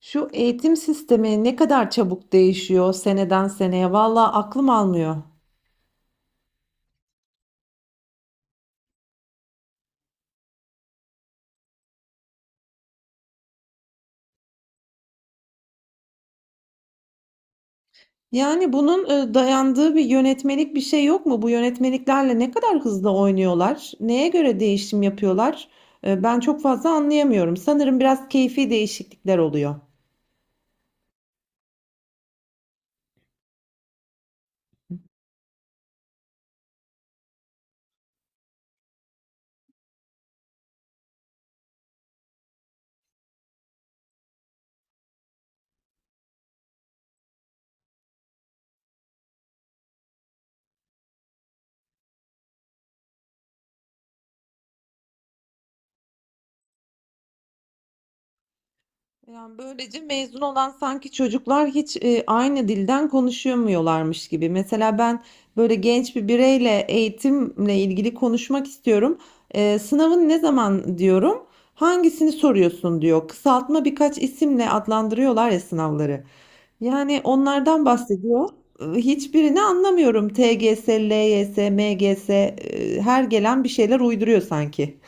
Şu eğitim sistemi ne kadar çabuk değişiyor seneden seneye. Vallahi aklım almıyor. Yani bunun dayandığı bir yönetmelik bir şey yok mu? Bu yönetmeliklerle ne kadar hızlı oynuyorlar? Neye göre değişim yapıyorlar? Ben çok fazla anlayamıyorum. Sanırım biraz keyfi değişiklikler oluyor. Yani böylece mezun olan sanki çocuklar hiç aynı dilden konuşamıyorlarmış gibi. Mesela ben böyle genç bir bireyle eğitimle ilgili konuşmak istiyorum. Sınavın ne zaman diyorum? Hangisini soruyorsun diyor. Kısaltma birkaç isimle adlandırıyorlar ya sınavları. Yani onlardan bahsediyor. Hiçbirini anlamıyorum. TGS, LYS, MGS, her gelen bir şeyler uyduruyor sanki.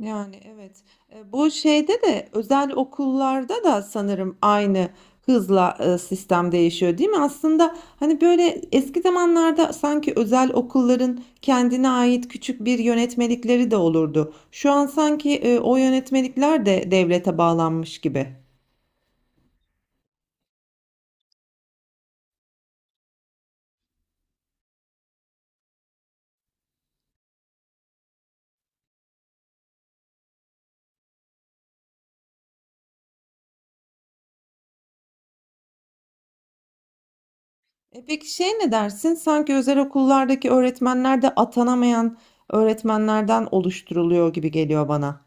Yani evet. Bu şeyde de özel okullarda da sanırım aynı hızla sistem değişiyor, değil mi? Aslında hani böyle eski zamanlarda sanki özel okulların kendine ait küçük bir yönetmelikleri de olurdu. Şu an sanki o yönetmelikler de devlete bağlanmış gibi. E peki şey ne dersin? Sanki özel okullardaki öğretmenler de atanamayan öğretmenlerden oluşturuluyor gibi geliyor bana.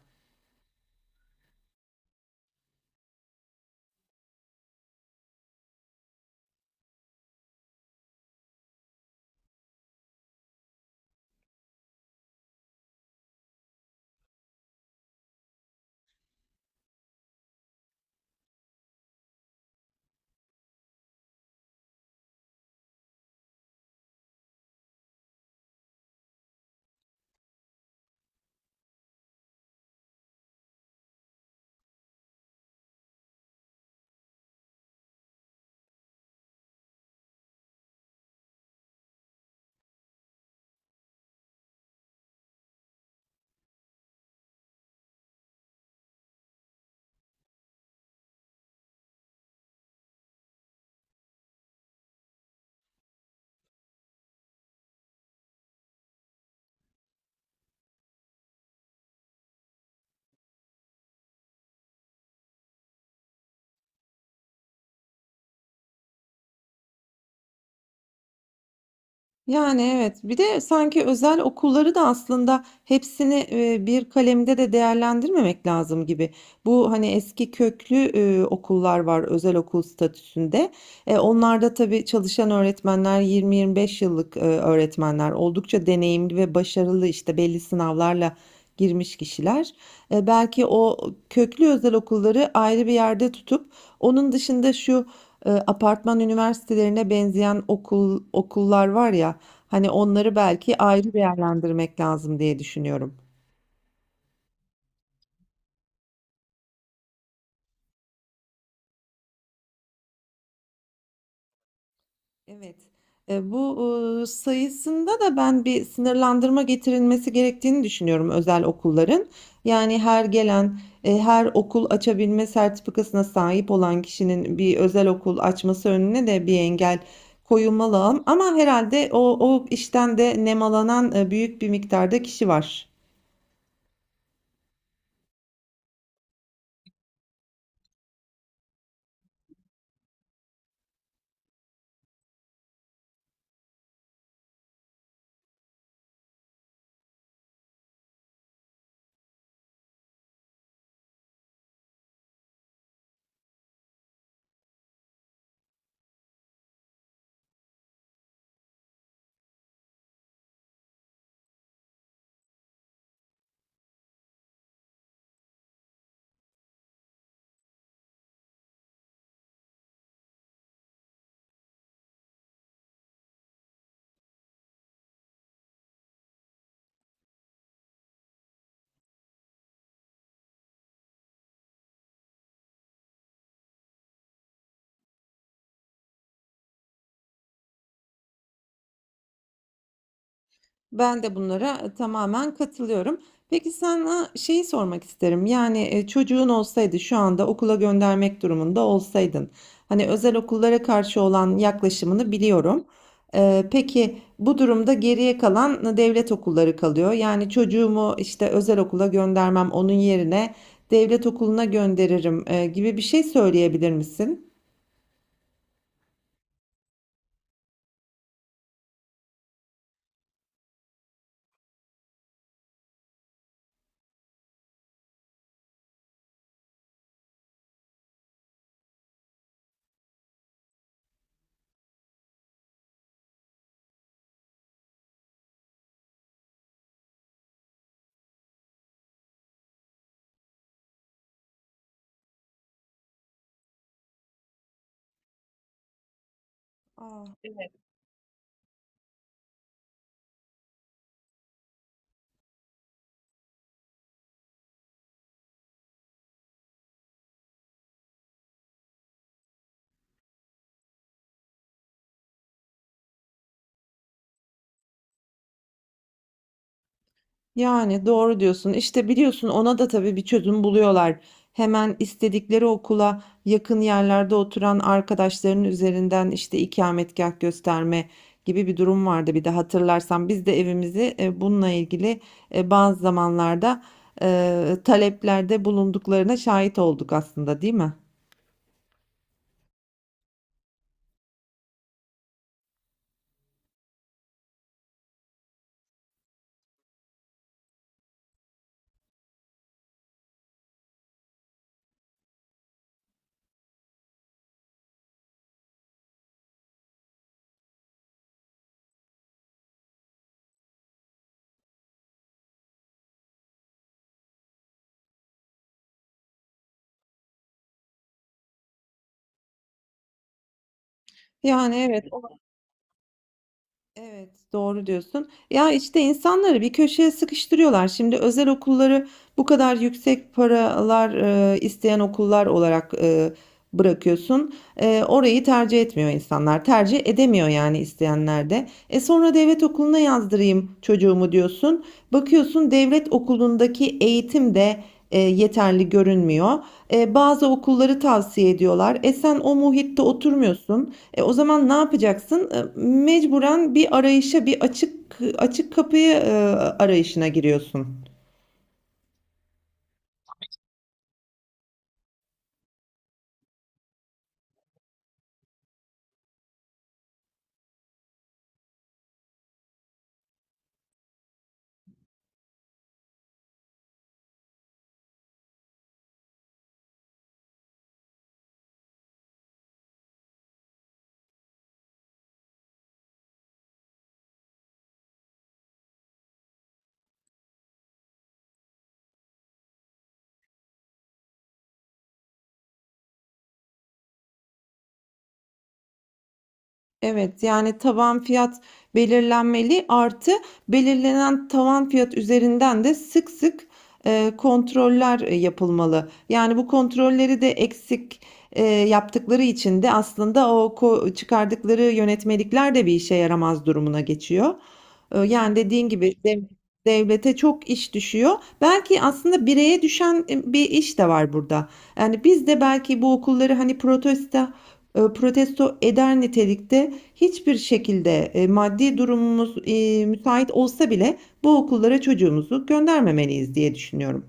Yani evet. Bir de sanki özel okulları da aslında hepsini bir kalemde de değerlendirmemek lazım gibi. Bu hani eski köklü okullar var özel okul statüsünde. Onlarda tabii çalışan öğretmenler 20-25 yıllık öğretmenler oldukça deneyimli ve başarılı işte belli sınavlarla girmiş kişiler. Belki o köklü özel okulları ayrı bir yerde tutup onun dışında şu apartman üniversitelerine benzeyen okul okullar var ya hani onları belki ayrı değerlendirmek lazım diye düşünüyorum. Evet. E, bu sayısında da ben bir sınırlandırma getirilmesi gerektiğini düşünüyorum özel okulların. Yani her gelen, her okul açabilme sertifikasına sahip olan kişinin bir özel okul açması önüne de bir engel koyulmalı ama herhalde o işten de nemalanan büyük bir miktarda kişi var. Ben de bunlara tamamen katılıyorum. Peki sana şeyi sormak isterim. Yani çocuğun olsaydı şu anda okula göndermek durumunda olsaydın. Hani özel okullara karşı olan yaklaşımını biliyorum. Peki bu durumda geriye kalan devlet okulları kalıyor. Yani çocuğumu işte özel okula göndermem onun yerine devlet okuluna gönderirim gibi bir şey söyleyebilir misin? Aa. Yani doğru diyorsun. İşte biliyorsun ona da tabii bir çözüm buluyorlar. Hemen istedikleri okula yakın yerlerde oturan arkadaşlarının üzerinden işte ikametgah gösterme gibi bir durum vardı. Bir de hatırlarsan biz de evimizi bununla ilgili bazı zamanlarda taleplerde bulunduklarına şahit olduk aslında, değil mi? Yani evet. Evet, doğru diyorsun. Ya işte insanları bir köşeye sıkıştırıyorlar. Şimdi özel okulları bu kadar yüksek paralar isteyen okullar olarak bırakıyorsun. Orayı tercih etmiyor insanlar. Tercih edemiyor yani isteyenler de. E sonra devlet okuluna yazdırayım çocuğumu diyorsun. Bakıyorsun devlet okulundaki eğitim de yeterli görünmüyor. Bazı okulları tavsiye ediyorlar. E sen o muhitte oturmuyorsun. O zaman ne yapacaksın? Mecburen bir arayışa, bir açık kapıyı arayışına giriyorsun. Evet yani tavan fiyat belirlenmeli artı belirlenen tavan fiyat üzerinden de sık sık kontroller yapılmalı. Yani bu kontrolleri de eksik yaptıkları için de aslında o ko- çıkardıkları yönetmelikler de bir işe yaramaz durumuna geçiyor. Yani dediğin gibi devlete çok iş düşüyor. Belki aslında bireye düşen bir iş de var burada. Yani biz de belki bu okulları hani protesto eder nitelikte hiçbir şekilde maddi durumumuz müsait olsa bile bu okullara çocuğumuzu göndermemeliyiz diye düşünüyorum.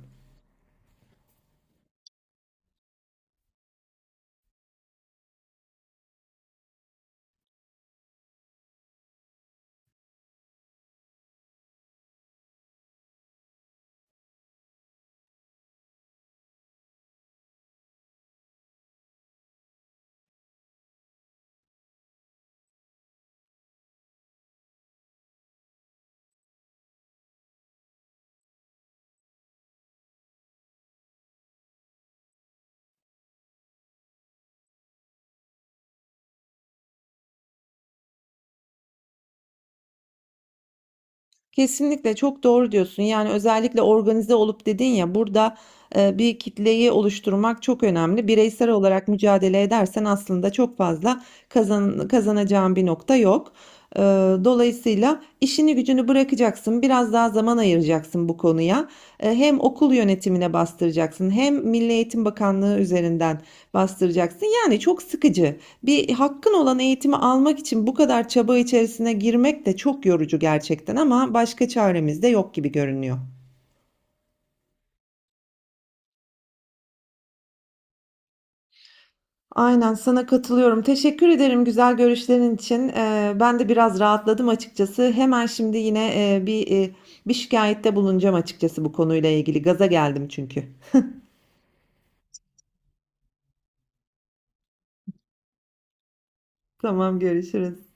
Kesinlikle çok doğru diyorsun. Yani özellikle organize olup dedin ya burada bir kitleyi oluşturmak çok önemli. Bireysel olarak mücadele edersen aslında çok fazla kazanacağın bir nokta yok. Ee, Dolayısıyla işini gücünü bırakacaksın, biraz daha zaman ayıracaksın bu konuya. Hem okul yönetimine bastıracaksın, hem Milli Eğitim Bakanlığı üzerinden bastıracaksın. Yani çok sıkıcı. Bir hakkın olan eğitimi almak için bu kadar çaba içerisine girmek de çok yorucu gerçekten ama başka çaremiz de yok gibi görünüyor. Aynen sana katılıyorum. Teşekkür ederim güzel görüşlerin için. Ben de biraz rahatladım açıkçası. Hemen şimdi yine bir şikayette bulunacağım açıkçası bu konuyla ilgili. Gaza geldim çünkü. Tamam görüşürüz.